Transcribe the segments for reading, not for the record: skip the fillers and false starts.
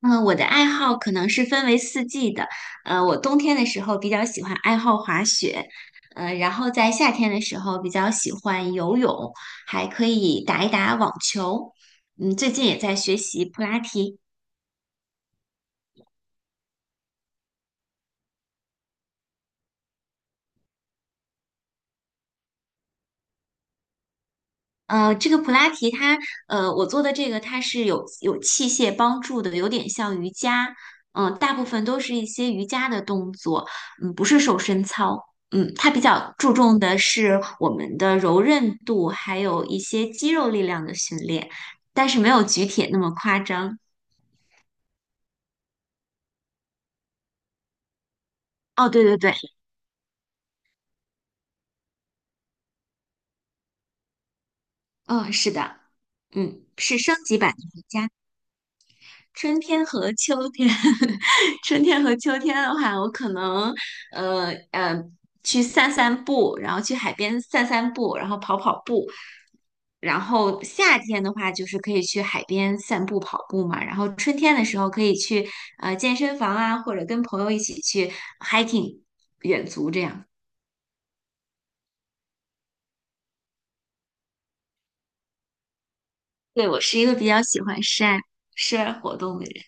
嗯，我的爱好可能是分为四季的。我冬天的时候比较喜欢爱好滑雪。然后在夏天的时候比较喜欢游泳，还可以打一打网球。嗯，最近也在学习普拉提。这个普拉提它，我做的这个它是有器械帮助的，有点像瑜伽，嗯、大部分都是一些瑜伽的动作，嗯，不是瘦身操，嗯，它比较注重的是我们的柔韧度，还有一些肌肉力量的训练，但是没有举铁那么夸张。哦，对对对，嗯，是的，嗯，是升级版的瑜伽。春天和秋天，春天和秋天的话，我可能呃呃去散散步，然后去海边散散步，然后跑跑步。然后夏天的话，就是可以去海边散步、跑步嘛。然后春天的时候，可以去健身房啊，或者跟朋友一起去 hiking 远足这样。对，我是一个比较喜欢活动的人。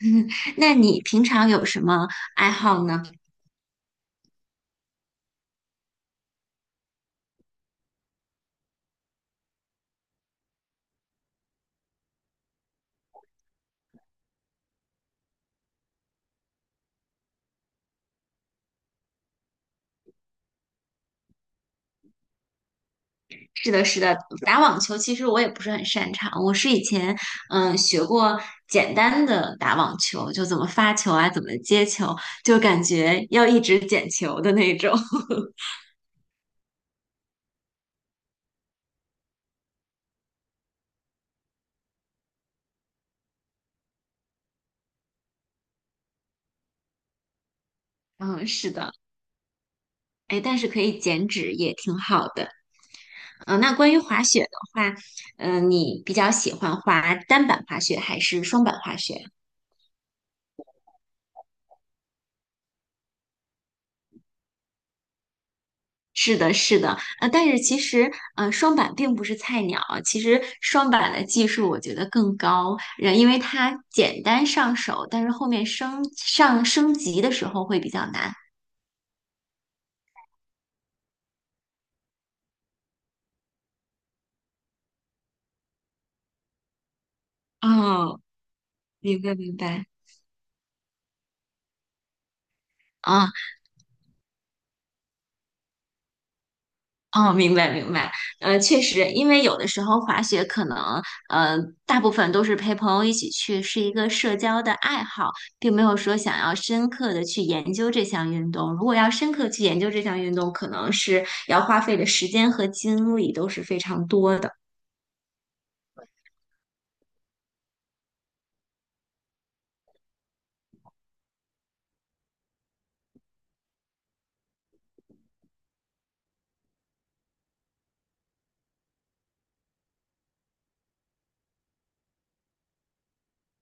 那你平常有什么爱好呢？是的，是的，打网球其实我也不是很擅长，我是以前嗯学过简单的打网球，就怎么发球啊，怎么接球，就感觉要一直捡球的那种。嗯，是的，哎，但是可以减脂也挺好的。嗯，那关于滑雪的话，嗯，你比较喜欢滑单板滑雪还是双板滑雪？是的，是的，但是其实，双板并不是菜鸟。其实双板的技术我觉得更高，因为它简单上手，但是后面升级的时候会比较难。哦，明白明白。啊。哦，明白明白，确实，因为有的时候滑雪可能，呃，大部分都是陪朋友一起去，是一个社交的爱好，并没有说想要深刻的去研究这项运动。如果要深刻去研究这项运动，可能是要花费的时间和精力都是非常多的。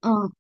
嗯，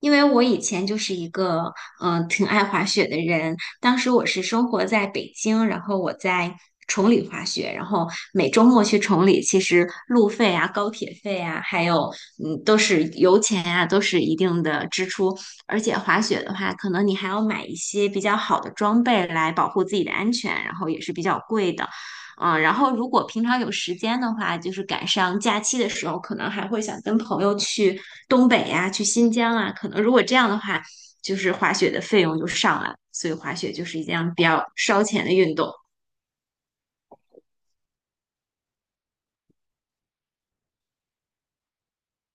因为我以前就是一个嗯、挺爱滑雪的人，当时我是生活在北京，然后我在崇礼滑雪，然后每周末去崇礼，其实路费啊、高铁费啊，还有嗯都是油钱啊，都是一定的支出。而且滑雪的话，可能你还要买一些比较好的装备来保护自己的安全，然后也是比较贵的。啊，然后如果平常有时间的话，就是赶上假期的时候，可能还会想跟朋友去东北呀、去新疆啊。可能如果这样的话，就是滑雪的费用就上来了，所以滑雪就是一项比较烧钱的运动。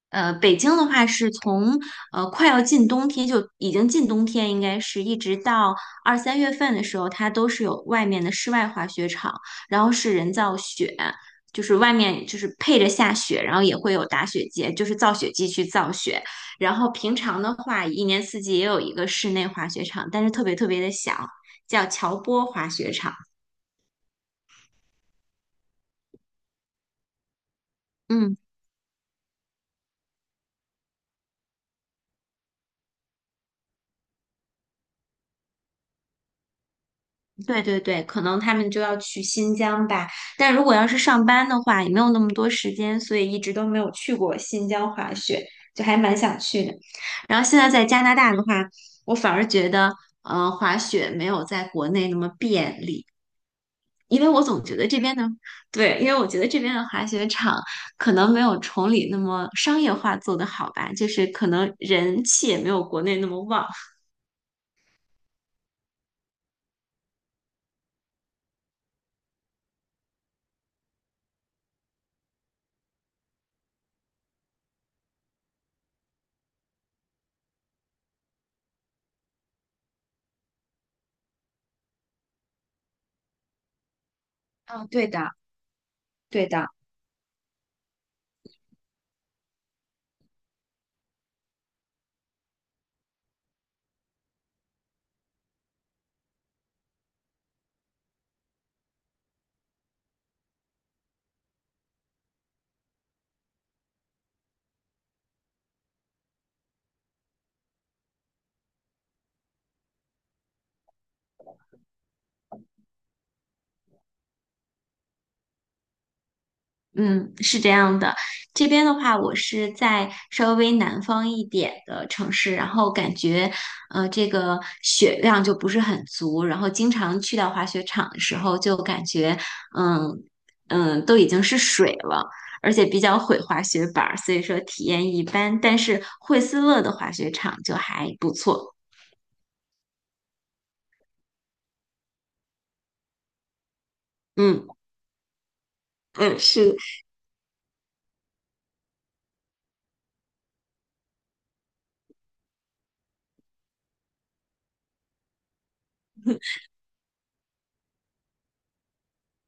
北京的话是从快要进冬天，就已经进冬天，应该是一直到二三月份的时候，它都是有外面的室外滑雪场，然后是人造雪，就是外面就是配着下雪，然后也会有打雪节，就是造雪机去造雪。然后平常的话，一年四季也有一个室内滑雪场，但是特别特别的小，叫乔波滑雪场。嗯。对对对，可能他们就要去新疆吧。但如果要是上班的话，也没有那么多时间，所以一直都没有去过新疆滑雪，就还蛮想去的。然后现在在加拿大的话，我反而觉得，滑雪没有在国内那么便利，因为我总觉得这边的，对，因为我觉得这边的滑雪场可能没有崇礼那么商业化做得好吧，就是可能人气也没有国内那么旺。嗯，对的，对的。嗯，是这样的。这边的话，我是在稍微南方一点的城市，然后感觉，这个雪量就不是很足，然后经常去到滑雪场的时候，就感觉，嗯都已经是水了，而且比较毁滑雪板儿，所以说体验一般。但是惠斯勒的滑雪场就还不错。嗯嗯，是，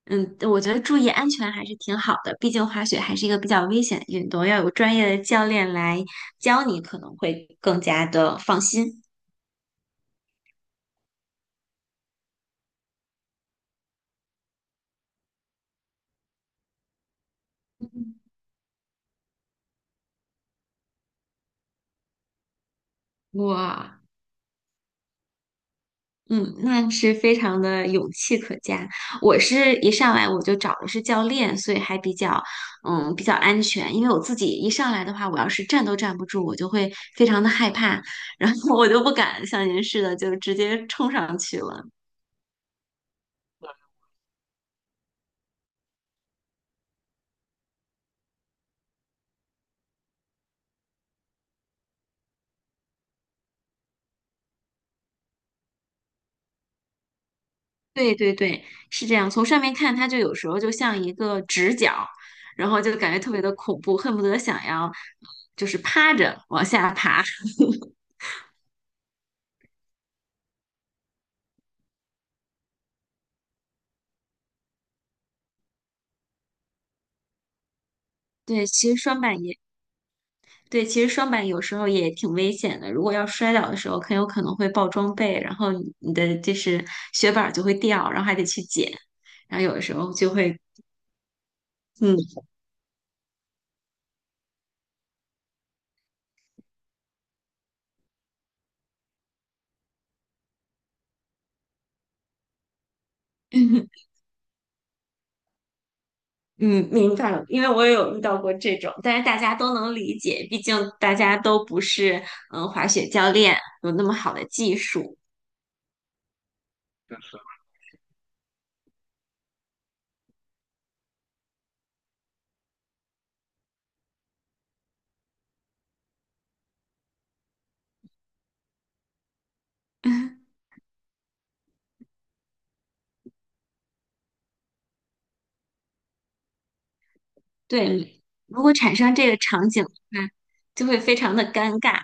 嗯，我觉得注意安全还是挺好的，毕竟滑雪还是一个比较危险的运动，要有专业的教练来教你，可能会更加的放心。嗯哇，嗯，那是非常的勇气可嘉。我是一上来我就找的是教练，所以还比较，嗯，比较安全。因为我自己一上来的话，我要是站都站不住，我就会非常的害怕，然后我就不敢像您似的就直接冲上去了。对对对，是这样。从上面看，它就有时候就像一个直角，然后就感觉特别的恐怖，恨不得想要就是趴着往下爬。对，其实双板也对，其实双板有时候也挺危险的。如果要摔倒的时候，很有可能会爆装备，然后你的就是雪板儿就会掉，然后还得去捡，然后有的时候就会嗯。嗯，明白了，因为我也有遇到过这种，但是大家都能理解，毕竟大家都不是嗯滑雪教练，有那么好的技术。对，如果产生这个场景的话，就会非常的尴尬。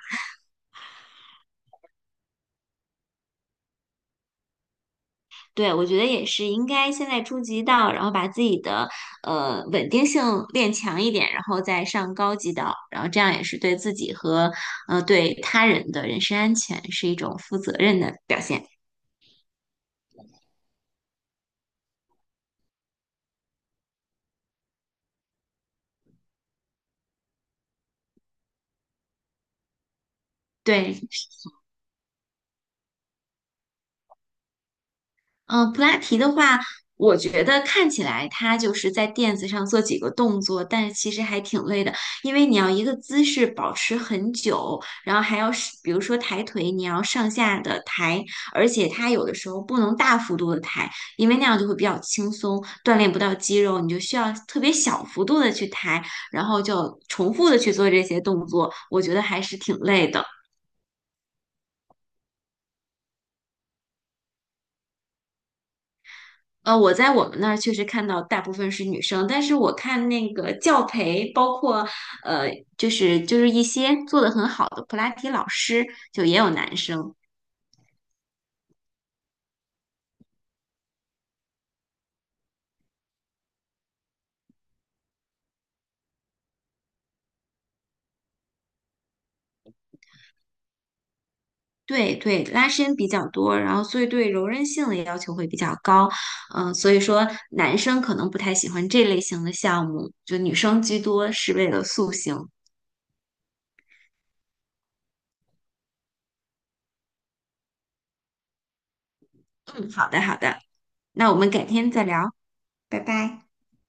对，我觉得也是应该现在初级道，然后把自己的稳定性练强一点，然后再上高级道，然后这样也是对自己和对他人的人身安全是一种负责任的表现。对，嗯，普拉提的话，我觉得看起来它就是在垫子上做几个动作，但是其实还挺累的，因为你要一个姿势保持很久，然后还要是比如说抬腿，你要上下的抬，而且它有的时候不能大幅度的抬，因为那样就会比较轻松，锻炼不到肌肉，你就需要特别小幅度的去抬，然后就重复的去做这些动作，我觉得还是挺累的。我在我们那儿确实看到大部分是女生，但是我看那个教培，包括呃，就是一些做的很好的普拉提老师，就也有男生。对对，拉伸比较多，然后所以对柔韧性的要求会比较高。嗯、所以说男生可能不太喜欢这类型的项目，就女生居多是为了塑形。嗯，好的好的，那我们改天再聊，拜拜。